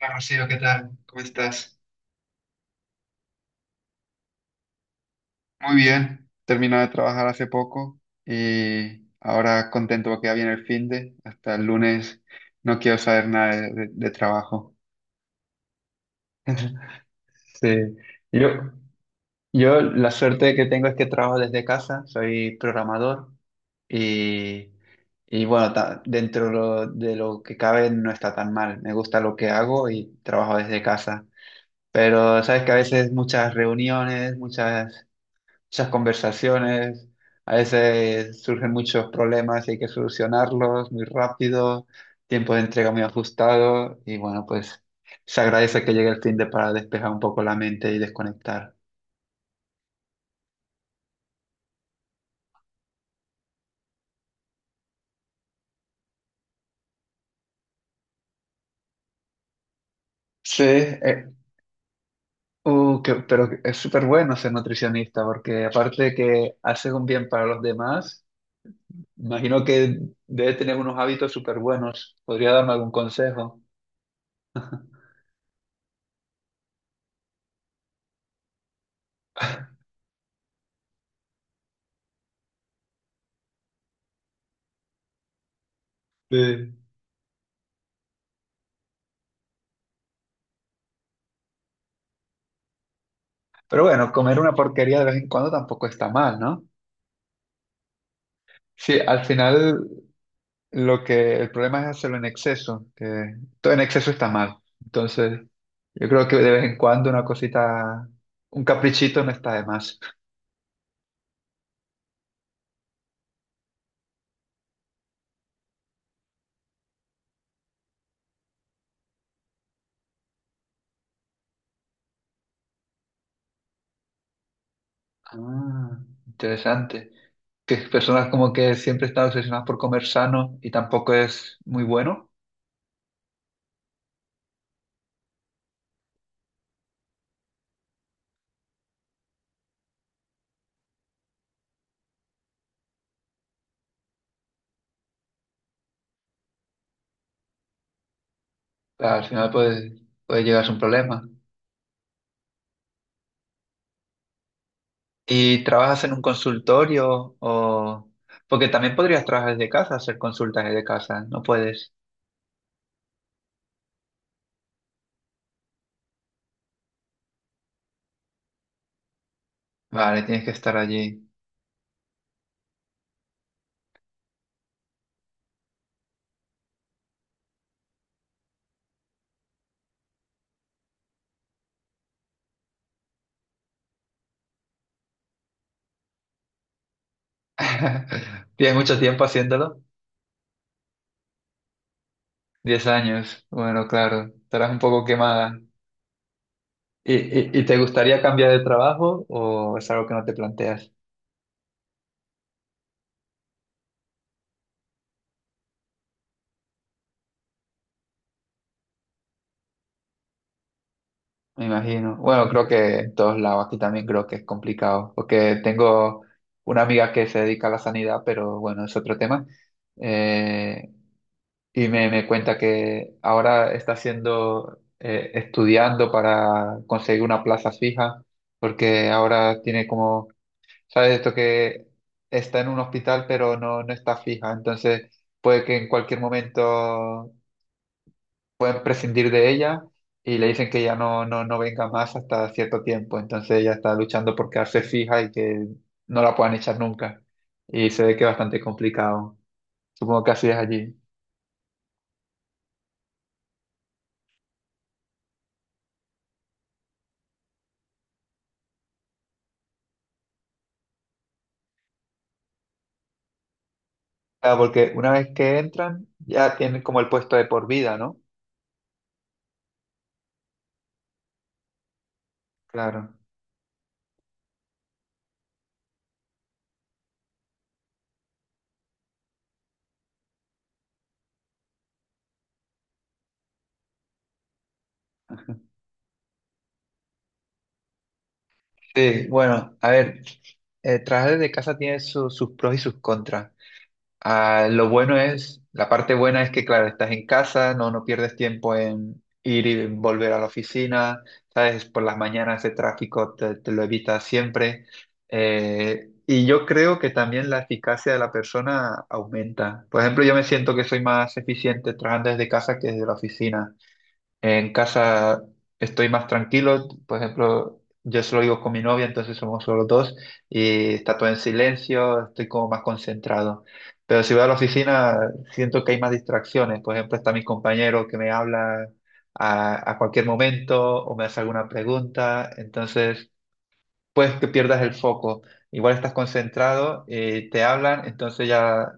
Hola Rocío, ¿qué tal? ¿Cómo estás? Muy bien, termino de trabajar hace poco y ahora contento porque ya viene el fin hasta el lunes no quiero saber nada de trabajo. Sí, yo, yo la suerte que tengo es que trabajo desde casa, soy programador y, y bueno, dentro de lo que cabe no está tan mal, me gusta lo que hago y trabajo desde casa. Pero sabes que a veces muchas reuniones, muchas conversaciones, a veces surgen muchos problemas y hay que solucionarlos muy rápido, tiempo de entrega muy ajustado y bueno, pues se agradece que llegue el fin de para despejar un poco la mente y desconectar. Sí, pero es súper bueno ser nutricionista porque aparte de que hace un bien para los demás, imagino que debe tener unos hábitos súper buenos. ¿Podría darme algún consejo? Sí. Pero bueno, comer una porquería de vez en cuando tampoco está mal, ¿no? Sí, al final lo que el problema es hacerlo en exceso, que todo en exceso está mal. Entonces, yo creo que de vez en cuando una cosita, un caprichito no está de más. Ah, interesante. Que personas como que siempre están obsesionadas por comer sano y tampoco es muy bueno, al final puede llegar a ser un problema. ¿Y trabajas en un consultorio o...? Porque también podrías trabajar desde casa, hacer consultas desde casa, no puedes. Vale, tienes que estar allí. Tienes mucho tiempo haciéndolo. 10 años. Bueno, claro, estarás un poco quemada. Y te gustaría cambiar de trabajo o es algo que no te planteas? Me imagino. Bueno, creo que en todos lados aquí también creo que es complicado, porque tengo una amiga que se dedica a la sanidad, pero bueno, es otro tema. Eh, y me cuenta que ahora está haciendo, estudiando para conseguir una plaza fija, porque ahora tiene como ¿Sabes esto que está en un hospital pero no está fija? Entonces puede que en cualquier momento pueden prescindir de ella y le dicen que ya no venga más hasta cierto tiempo. Entonces ella está luchando por quedarse fija y que no la puedan echar nunca. Y se ve que es bastante complicado. Supongo que así es allí. Claro, porque una vez que entran ya tienen como el puesto de por vida, ¿no? Claro. Sí, bueno, a ver, el trabajar de casa tiene sus pros y sus contras. Ah, lo bueno es, la parte buena es que, claro, estás en casa, no pierdes tiempo en ir y volver a la oficina, ¿sabes? Por las mañanas de tráfico te lo evitas siempre. Y yo creo que también la eficacia de la persona aumenta. Por ejemplo, yo me siento que soy más eficiente trabajando desde casa que desde la oficina. En casa estoy más tranquilo, por ejemplo, yo solo vivo con mi novia, entonces somos solo dos y está todo en silencio, estoy como más concentrado. Pero si voy a la oficina, siento que hay más distracciones. Por ejemplo, está mi compañero que me habla a cualquier momento o me hace alguna pregunta, entonces puedes que pierdas el foco. Igual estás concentrado, te hablan, entonces ya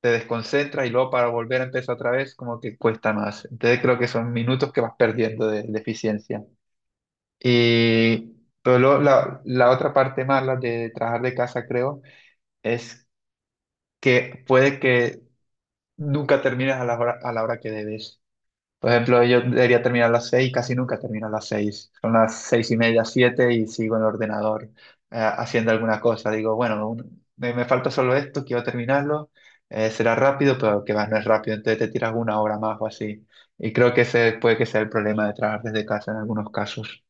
te desconcentras y luego para volver a empezar otra vez como que cuesta más. Entonces creo que son minutos que vas perdiendo de eficiencia. Y pero luego la otra parte mala de trabajar de casa creo es que puede que nunca termines a la hora que debes. Por ejemplo, yo debería terminar a las seis, casi nunca termino a las seis. Son las seis y media, siete y sigo en el ordenador haciendo alguna cosa. Digo, bueno, me falta solo esto, quiero terminarlo. Será rápido, pero que va, no es rápido. Entonces te tiras una hora más o así. Y creo que ese puede que sea el problema de trabajar desde casa en algunos casos.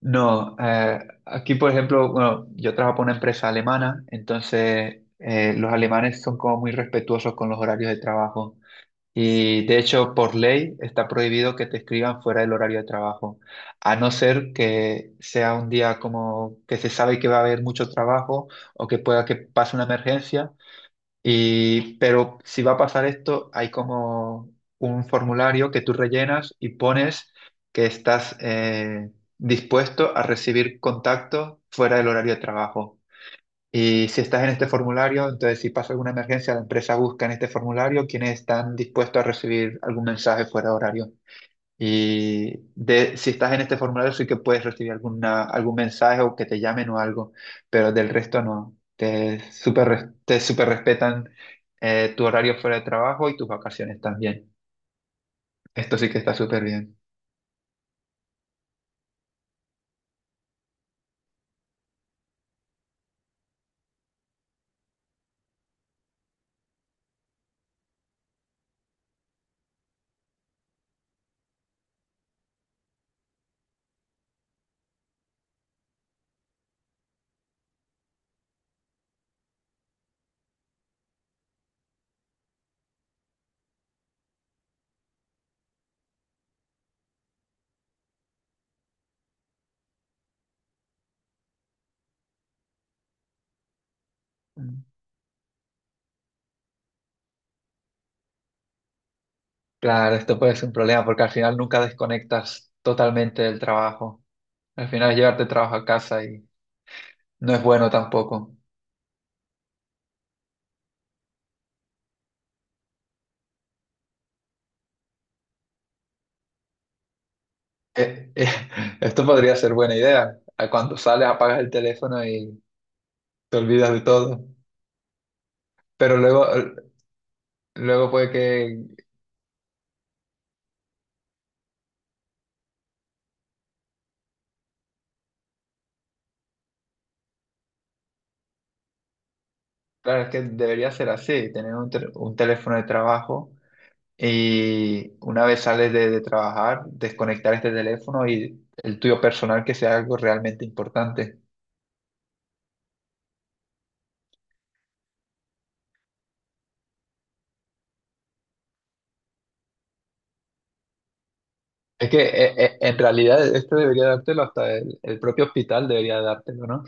No, Aquí por ejemplo, bueno, yo trabajo para una empresa alemana, entonces los alemanes son como muy respetuosos con los horarios de trabajo. Y de hecho, por ley está prohibido que te escriban fuera del horario de trabajo, a no ser que sea un día como que se sabe que va a haber mucho trabajo o que pueda que pase una emergencia. Pero si va a pasar esto, hay como un formulario que tú rellenas y pones que estás dispuesto a recibir contacto fuera del horario de trabajo. Y si estás en este formulario, entonces si pasa alguna emergencia, la empresa busca en este formulario quienes están dispuestos a recibir algún mensaje fuera de horario. Y si estás en este formulario, sí que puedes recibir algún mensaje o que te llamen o algo, pero del resto no. Te súper respetan tu horario fuera de trabajo y tus vacaciones también. Esto sí que está súper bien. Mm. Claro, esto puede ser un problema porque al final nunca desconectas totalmente del trabajo. Al final es llevarte el trabajo a casa. No es bueno tampoco. Eh, eh, Esto podría ser buena idea. Ah, cuando sales, apagas el teléfono y te olvidas de todo. Pero luego, luego puede que. Claro, es que debería ser así, tener un teléfono de trabajo y una vez sales de trabajar, desconectar este teléfono y el tuyo personal que sea algo realmente importante. Es que en realidad esto debería dártelo hasta el propio hospital debería dártelo, ¿no?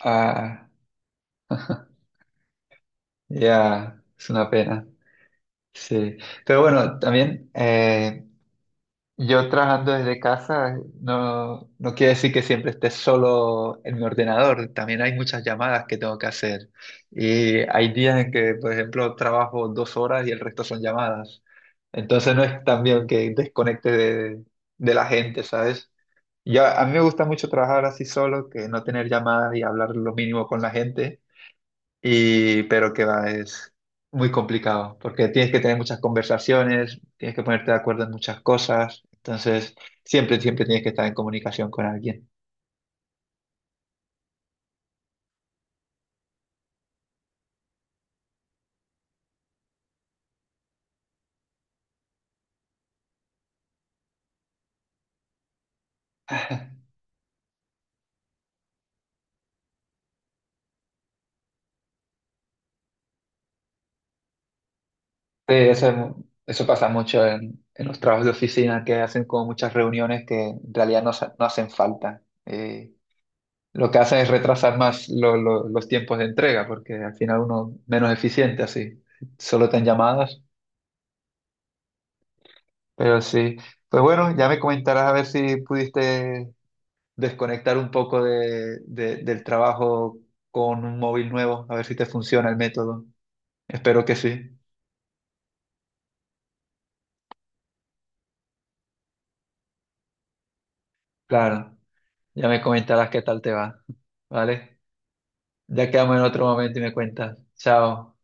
Ah, ya, es una pena. Sí, pero bueno, también yo trabajando desde casa no quiere decir que siempre esté solo en mi ordenador, también hay muchas llamadas que tengo que hacer y hay días en que, por ejemplo, trabajo 2 horas y el resto son llamadas, entonces no es también que desconecte de la gente, ¿sabes? Ya, a mí me gusta mucho trabajar así solo, que no tener llamadas y hablar lo mínimo con la gente. Y, pero que va, es muy complicado, porque tienes que tener muchas conversaciones, tienes que ponerte de acuerdo en muchas cosas, entonces siempre, siempre tienes que estar en comunicación con alguien. Sí, eso, es eso pasa mucho en los trabajos de oficina, que hacen como muchas reuniones que en realidad no hacen falta. Lo que hacen es retrasar más los tiempos de entrega, porque al final uno menos eficiente así, solo te han llamadas, pero sí. Pues bueno, ya me comentarás a ver si pudiste desconectar un poco del trabajo con un móvil nuevo, a ver si te funciona el método. Espero que sí. Claro, ya me comentarás qué tal te va. ¿Vale? Ya quedamos en otro momento y me cuentas. Chao.